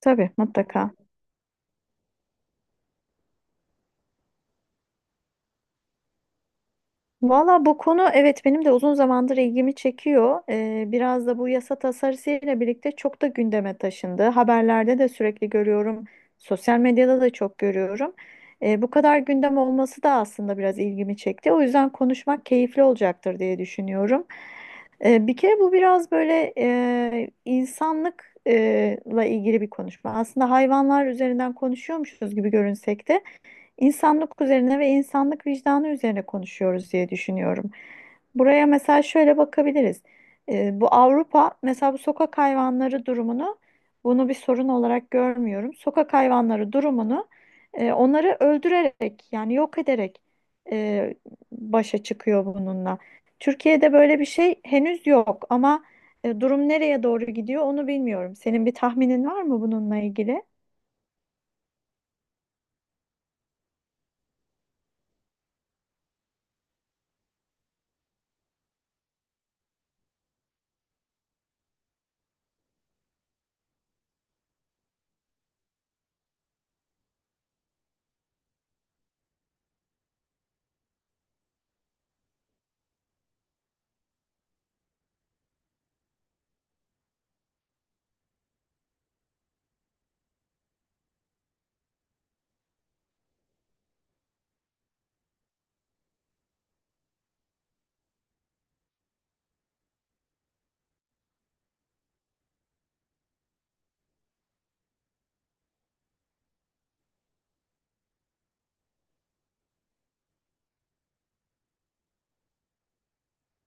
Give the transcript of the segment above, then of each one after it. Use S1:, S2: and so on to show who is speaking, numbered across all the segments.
S1: Tabii, mutlaka. Valla bu konu, evet, benim de uzun zamandır ilgimi çekiyor. Biraz da bu yasa tasarısıyla birlikte çok da gündeme taşındı. Haberlerde de sürekli görüyorum. Sosyal medyada da çok görüyorum. Bu kadar gündem olması da aslında biraz ilgimi çekti. O yüzden konuşmak keyifli olacaktır diye düşünüyorum. Bir kere bu biraz böyle insanlıkla ilgili bir konuşma. Aslında hayvanlar üzerinden konuşuyormuşuz gibi görünsek de. İnsanlık üzerine ve insanlık vicdanı üzerine konuşuyoruz diye düşünüyorum. Buraya mesela şöyle bakabiliriz. Bu Avrupa mesela bu sokak hayvanları durumunu, bunu bir sorun olarak görmüyorum. Sokak hayvanları durumunu onları öldürerek, yani yok ederek, e, başa çıkıyor bununla. Türkiye'de böyle bir şey henüz yok ama durum nereye doğru gidiyor onu bilmiyorum. Senin bir tahminin var mı bununla ilgili?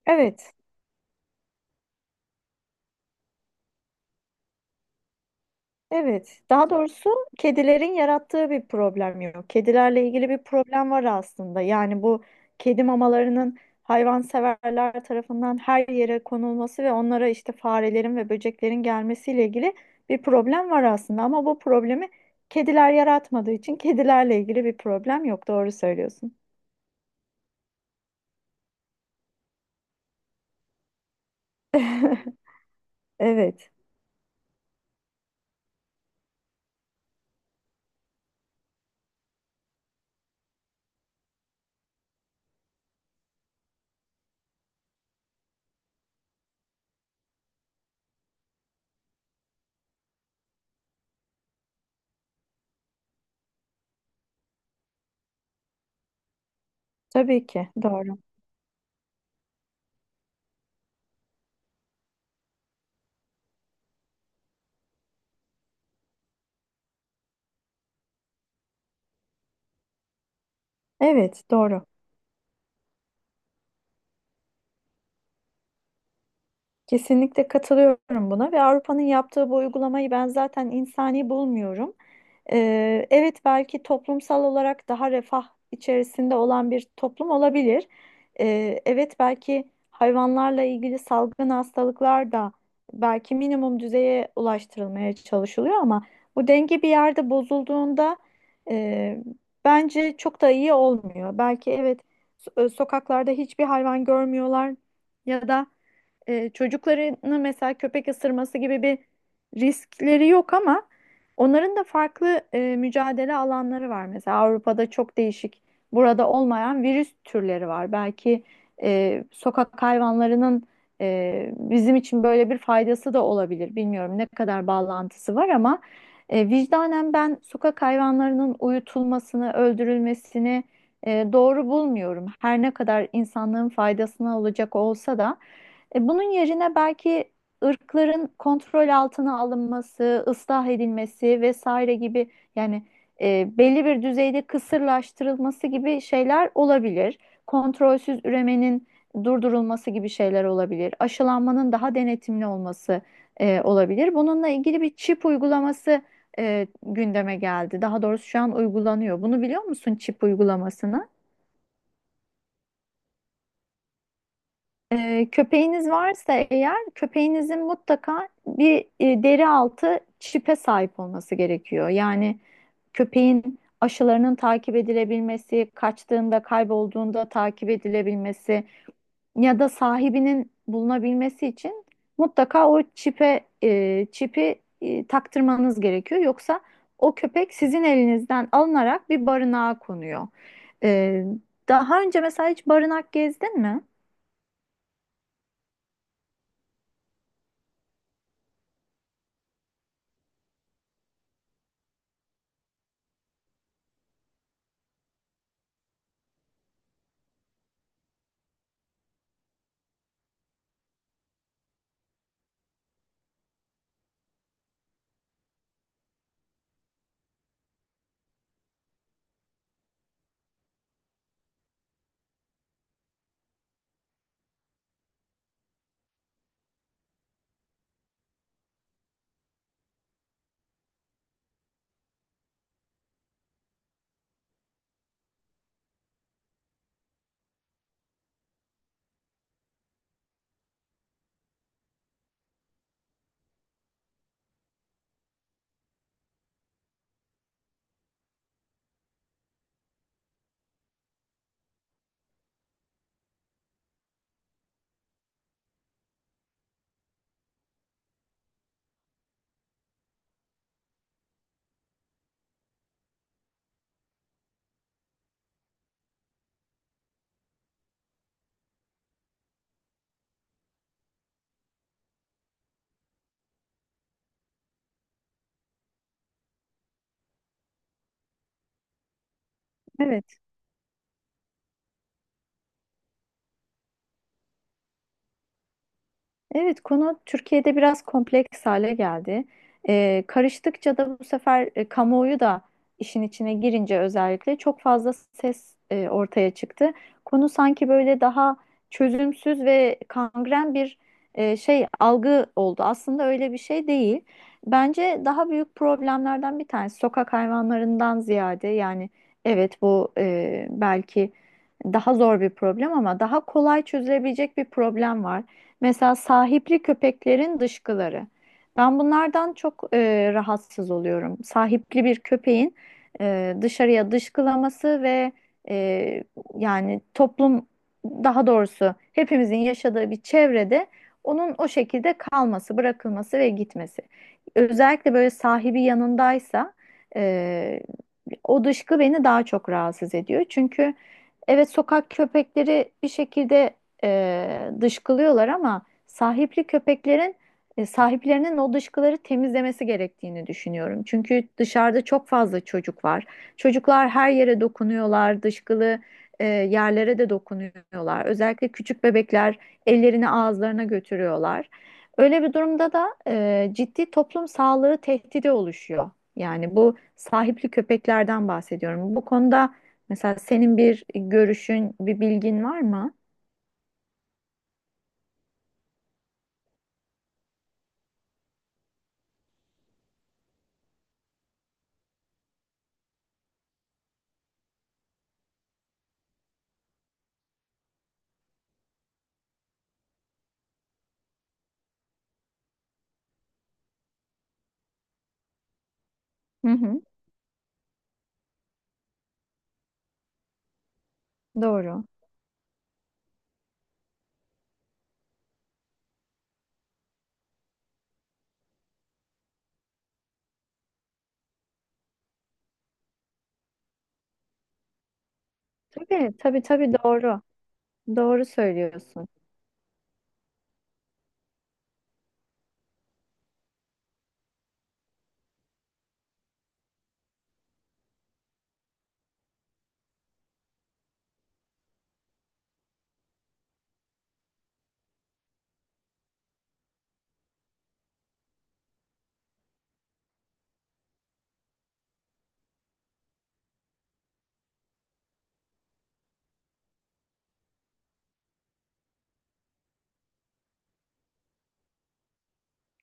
S1: Evet. Evet, daha doğrusu kedilerin yarattığı bir problem yok. Kedilerle ilgili bir problem var aslında. Yani bu kedi mamalarının hayvanseverler tarafından her yere konulması ve onlara işte farelerin ve böceklerin gelmesiyle ilgili bir problem var aslında. Ama bu problemi kediler yaratmadığı için kedilerle ilgili bir problem yok. Doğru söylüyorsun. Evet, tabii ki doğru. Evet, doğru. Kesinlikle katılıyorum buna ve Avrupa'nın yaptığı bu uygulamayı ben zaten insani bulmuyorum. Evet, belki toplumsal olarak daha refah içerisinde olan bir toplum olabilir. Evet, belki hayvanlarla ilgili salgın hastalıklar da belki minimum düzeye ulaştırılmaya çalışılıyor ama bu denge bir yerde bozulduğunda e, bence çok da iyi olmuyor. Belki evet sokaklarda hiçbir hayvan görmüyorlar ya da çocuklarını mesela köpek ısırması gibi bir riskleri yok ama onların da farklı mücadele alanları var. Mesela Avrupa'da çok değişik, burada olmayan virüs türleri var. Belki sokak hayvanlarının bizim için böyle bir faydası da olabilir. Bilmiyorum ne kadar bağlantısı var ama vicdanen ben sokak hayvanlarının uyutulmasını, öldürülmesini doğru bulmuyorum. Her ne kadar insanlığın faydasına olacak olsa da. Bunun yerine belki ırkların kontrol altına alınması, ıslah edilmesi vesaire gibi, yani belli bir düzeyde kısırlaştırılması gibi şeyler olabilir. Kontrolsüz üremenin durdurulması gibi şeyler olabilir. Aşılanmanın daha denetimli olması olabilir. Bununla ilgili bir çip uygulaması gündeme geldi. Daha doğrusu şu an uygulanıyor. Bunu biliyor musun, çip uygulamasını? Köpeğiniz varsa, eğer köpeğinizin mutlaka bir deri altı çipe sahip olması gerekiyor. Yani köpeğin aşılarının takip edilebilmesi, kaçtığında, kaybolduğunda takip edilebilmesi ya da sahibinin bulunabilmesi için mutlaka o çipe çipi taktırmanız gerekiyor. Yoksa o köpek sizin elinizden alınarak bir barınağa konuyor. Ee, Daha önce mesela hiç barınak gezdin mi? Evet. Evet, konu Türkiye'de biraz kompleks hale geldi. Karıştıkça da bu sefer kamuoyu da işin içine girince özellikle çok fazla ses ortaya çıktı. Konu sanki böyle daha çözümsüz ve kangren bir şey algı oldu. Aslında öyle bir şey değil. Bence daha büyük problemlerden bir tanesi sokak hayvanlarından ziyade, yani evet bu belki daha zor bir problem ama daha kolay çözülebilecek bir problem var. Mesela sahipli köpeklerin dışkıları. Ben bunlardan çok rahatsız oluyorum. Sahipli bir köpeğin dışarıya dışkılaması ve e, yani toplum, daha doğrusu hepimizin yaşadığı bir çevrede onun o şekilde kalması, bırakılması ve gitmesi. Özellikle böyle sahibi yanındaysa e, o dışkı beni daha çok rahatsız ediyor. Çünkü evet sokak köpekleri bir şekilde dışkılıyorlar ama sahipli köpeklerin sahiplerinin o dışkıları temizlemesi gerektiğini düşünüyorum. Çünkü dışarıda çok fazla çocuk var. Çocuklar her yere dokunuyorlar, dışkılı yerlere de dokunuyorlar. Özellikle küçük bebekler ellerini ağızlarına götürüyorlar. Öyle bir durumda da ciddi toplum sağlığı tehdidi oluşuyor. Yani bu sahipli köpeklerden bahsediyorum. Bu konuda mesela senin bir görüşün, bir bilgin var mı? Hı hı. Doğru. Tabii, tabii, tabii doğru. Doğru söylüyorsun.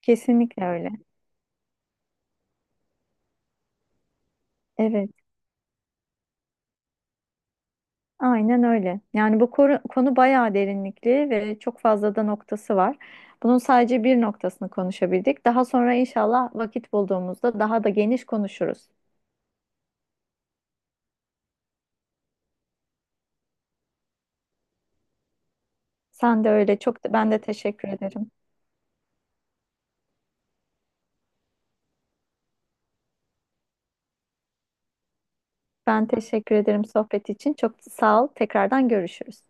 S1: Kesinlikle öyle. Evet, aynen öyle. Yani bu konu bayağı derinlikli ve çok fazla da noktası var. Bunun sadece bir noktasını konuşabildik. Daha sonra inşallah vakit bulduğumuzda daha da geniş konuşuruz. Sen de öyle, çok ben de teşekkür ederim. Ben teşekkür ederim sohbet için. Çok sağ ol. Tekrardan görüşürüz.